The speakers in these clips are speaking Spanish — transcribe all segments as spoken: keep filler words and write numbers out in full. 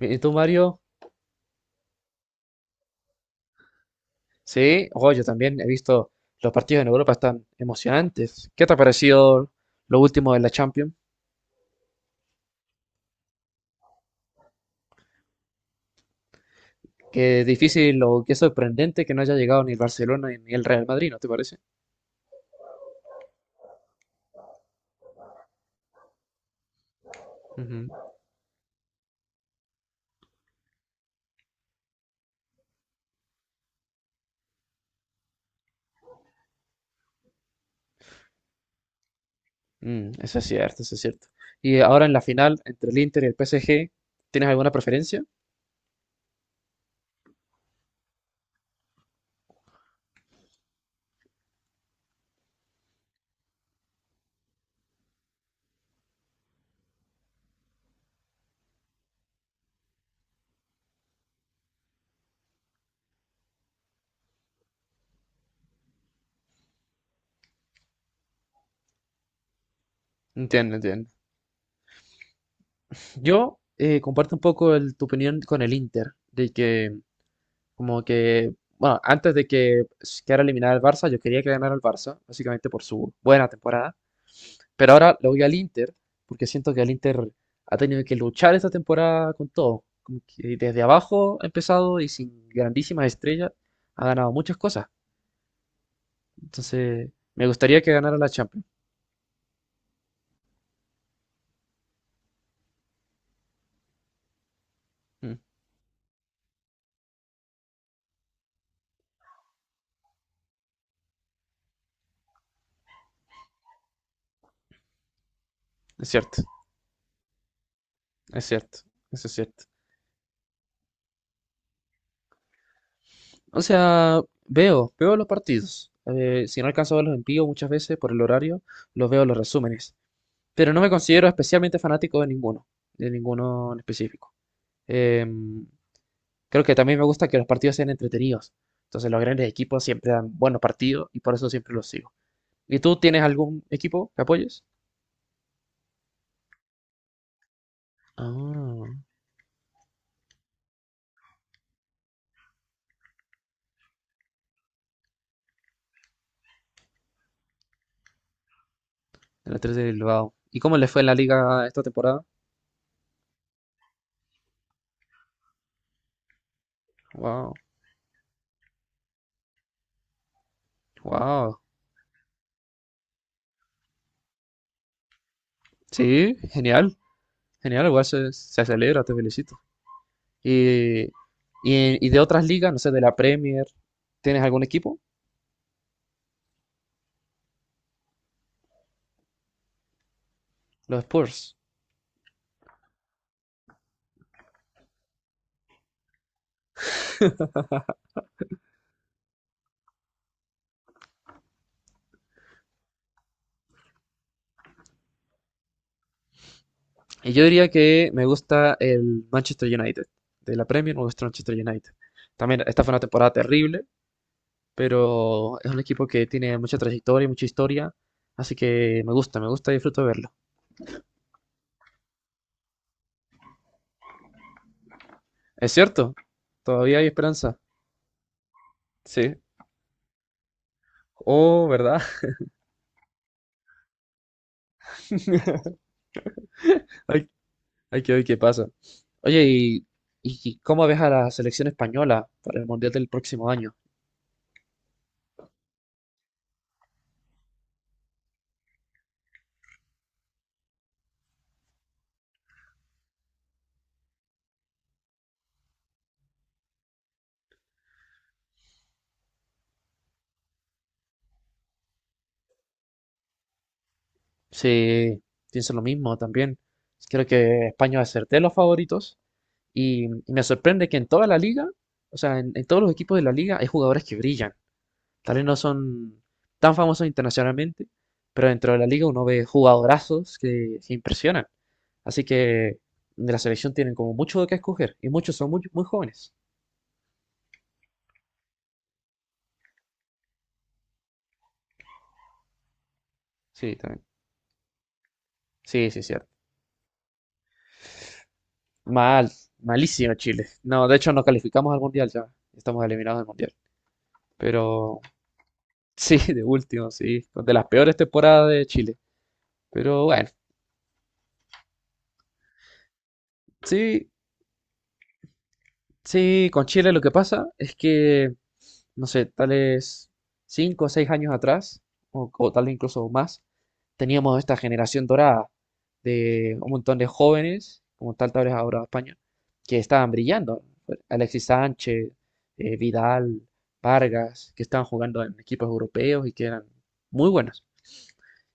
¿Y tú, Mario? Sí, oh, yo también he visto los partidos en Europa, están emocionantes. ¿Qué te ha parecido lo último de la Champions? Qué difícil o qué sorprendente que no haya llegado ni el Barcelona ni el Real Madrid, ¿no te parece? Ujú. Mm, eso es cierto, eso es cierto. Y ahora en la final entre el Inter y el P S G, ¿tienes alguna preferencia? Entiendo, entiendo. Yo eh, comparto un poco el- tu opinión con el Inter, de que... Como que, bueno, antes de que s- quedara eliminada el Barça, yo quería que ganara el Barça, básicamente por su buena temporada. Pero ahora lo voy al Inter, porque siento que el Inter ha tenido que luchar esta temporada con todo. Como que desde abajo ha empezado y sin grandísimas estrellas ha ganado muchas cosas. Entonces, me gustaría que ganara la Champions. Mm, es cierto, es cierto, eso es cierto. O sea, veo, veo los partidos. Eh, si no alcanzo a verlos en vivo muchas veces por el horario, los veo en los resúmenes. Pero no me considero especialmente fanático de ninguno, de ninguno en específico. Em, Creo que también me gusta que los partidos sean entretenidos. Entonces los grandes equipos siempre dan buenos partidos y por eso siempre los sigo. ¿Y tú tienes algún equipo que apoyes? Ah, el a de Bilbao. ¿Y cómo les fue en la liga esta temporada? Wow, wow. Sí, genial, genial, igual se, se celebra, te felicito. Y, y, y de otras ligas, no sé, de la Premier, ¿tienes algún equipo? Los Spurs. Y yo diría que me gusta el Manchester United. De la Premier me gusta el Manchester United. También esta fue una temporada terrible, pero es un equipo que tiene mucha trayectoria y mucha historia. Así que me gusta, me gusta y disfruto de verlo. Es cierto, todavía hay esperanza. Sí. Oh, ¿verdad? Hay, hay que ver qué pasa. Oye, ¿y, y cómo ves a la selección española para el Mundial del próximo año? Sí, pienso lo mismo también. Creo que España va a ser de los favoritos. Y, y me sorprende que en toda la liga, o sea, en, en todos los equipos de la liga hay jugadores que brillan. Tal vez no son tan famosos internacionalmente, pero dentro de la liga uno ve jugadorazos que, que impresionan. Así que de la selección tienen como mucho de qué escoger y muchos son muy, muy jóvenes. Sí, también. Sí, sí, cierto. Mal, malísimo Chile. No, de hecho no calificamos al mundial ya. Estamos eliminados del mundial. Pero sí, de último, sí. De las peores temporadas de Chile. Pero bueno, sí, sí, con Chile lo que pasa es que, no sé, tales cinco o seis años atrás, o, o tal vez incluso más, teníamos esta generación dorada de un montón de jóvenes, como tal tal vez ahora España, que estaban brillando. Alexis Sánchez, eh, Vidal, Vargas, que estaban jugando en equipos europeos y que eran muy buenos.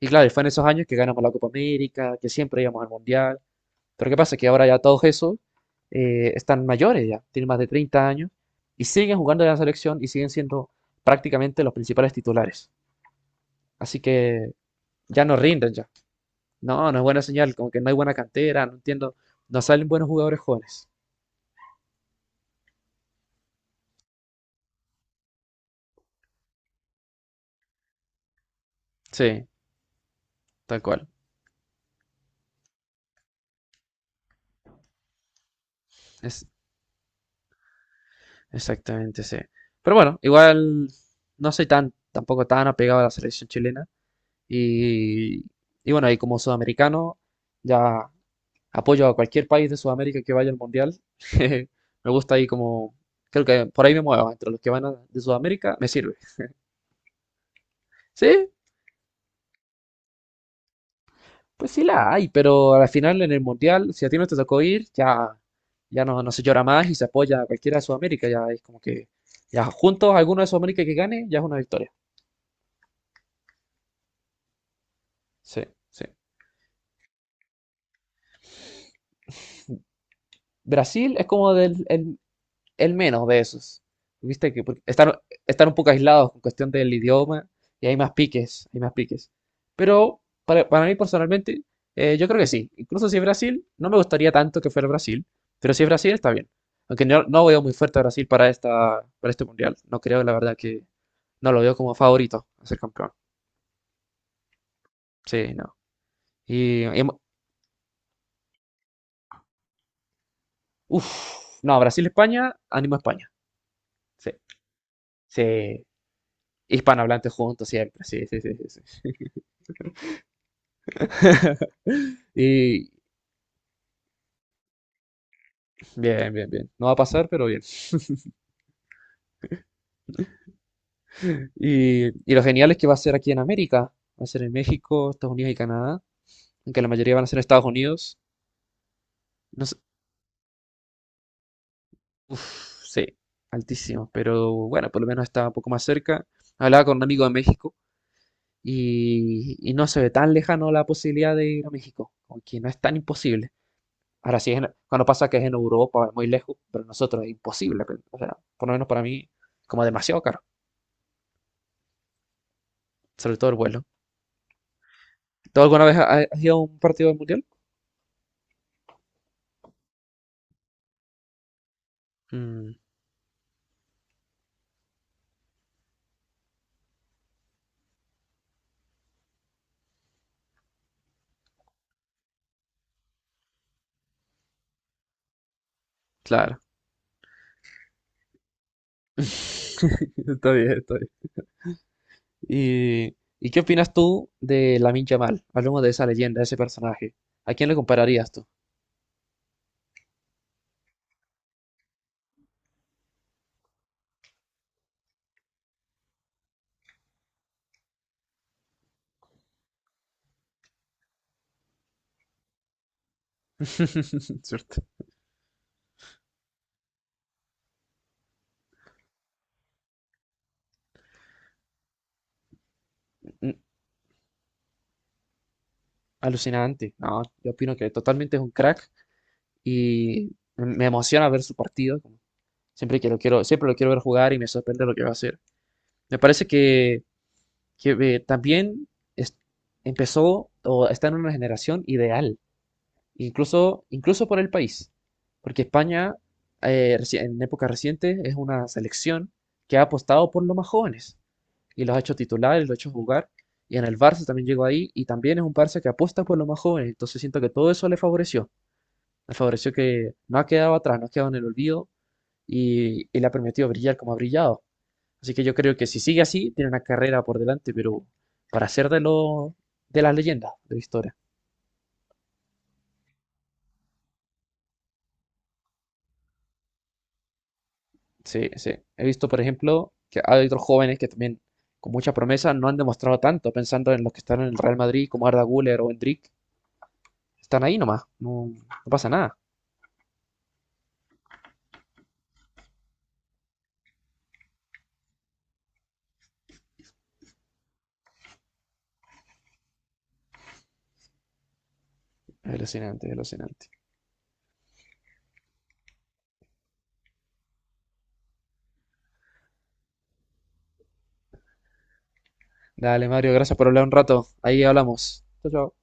Y claro, y fue en esos años que ganamos la Copa América, que siempre íbamos al Mundial. Pero ¿qué pasa? Que ahora ya todos esos eh, están mayores ya, tienen más de treinta años y siguen jugando en la selección y siguen siendo prácticamente los principales titulares. Así que ya no rinden ya. No, no es buena señal, como que no hay buena cantera, no entiendo, no salen buenos jugadores jóvenes. Sí, tal cual. Es exactamente, sí. Pero bueno, igual no soy tan, tampoco tan apegado a la selección chilena. Y, y bueno, y como sudamericano, ya... Apoyo a cualquier país de Sudamérica que vaya al Mundial. Me gusta ahí como... Creo que por ahí me muevo. Entre los que van a- de Sudamérica, me sirve. Sí, pues sí la hay, pero al final en el Mundial, si a ti no te tocó ir, ya, ya no, no se llora más y se apoya a cualquiera de Sudamérica. Ya es como que... Ya juntos, alguno de Sudamérica que gane, ya es una victoria. Sí, sí. Brasil es como del, el- el menos de esos. Viste que porque están, están un poco aislados con cuestión del idioma y hay más piques, hay más piques. Pero para, para mí personalmente, eh, yo creo que sí. Incluso si es Brasil, no me gustaría tanto que fuera Brasil, pero si es Brasil está bien. Aunque no, no veo muy fuerte a Brasil para esta, para este mundial. No creo, la verdad, que no lo veo como favorito a ser campeón. Sí, no. Y, y uff, no, Brasil-España, ánimo España. Sí, sí. Hispanohablantes juntos siempre, sí, sí, sí, sí, sí. Y bien, bien, bien. No va a pasar, pero bien. Y, y lo genial es que va a ser aquí en América. Va a ser en México, Estados Unidos y Canadá. Aunque la mayoría van a ser en Estados Unidos. No sé. Uf, sí, altísimo. Pero bueno, por lo menos está un poco más cerca. Hablaba con un amigo de México y, y no se ve tan lejano la posibilidad de ir a México. Aunque no es tan imposible. Ahora sí, es en- cuando pasa que es en Europa, es muy lejos, pero nosotros es imposible. Pero, o sea, por lo menos para mí, como demasiado caro. Sobre todo el vuelo. ¿Tú alguna vez ha- has ido a un partido del mundial? Mm. Claro. Está bien, está bien. ¿Y, y qué opinas tú de Lamine Yamal? Hablemos de esa leyenda, de ese personaje. ¿A quién le compararías tú? Cierto. Mm, alucinante. No, yo opino que totalmente es un crack y me emociona ver su partido. Como... Siempre que lo quiero, siempre lo quiero ver jugar y me sorprende lo que va a hacer. Me parece que, que, eh, también es- empezó o está en una generación ideal. Incluso, incluso por el país, porque España eh, reci- en épocas recientes es una selección que ha apostado por los más jóvenes y los ha hecho titulares, los ha hecho jugar, y en el Barça también llegó ahí y también es un Barça que apuesta por los más jóvenes, entonces siento que todo eso le favoreció, le favoreció que no ha quedado atrás, no ha quedado en el olvido y, y le ha permitido brillar como ha brillado. Así que yo creo que si sigue así, tiene una carrera por delante, pero para ser de, lo, de las leyendas de la historia. Sí, sí. He visto, por ejemplo, que hay otros jóvenes que también con mucha promesa no han demostrado tanto, pensando en los que están en el Real Madrid, como Arda Güler o Endrick. Están ahí nomás, no, no pasa nada. Es alucinante, es alucinante. Dale, Mario, gracias por hablar un rato. Ahí hablamos. Chao, chao.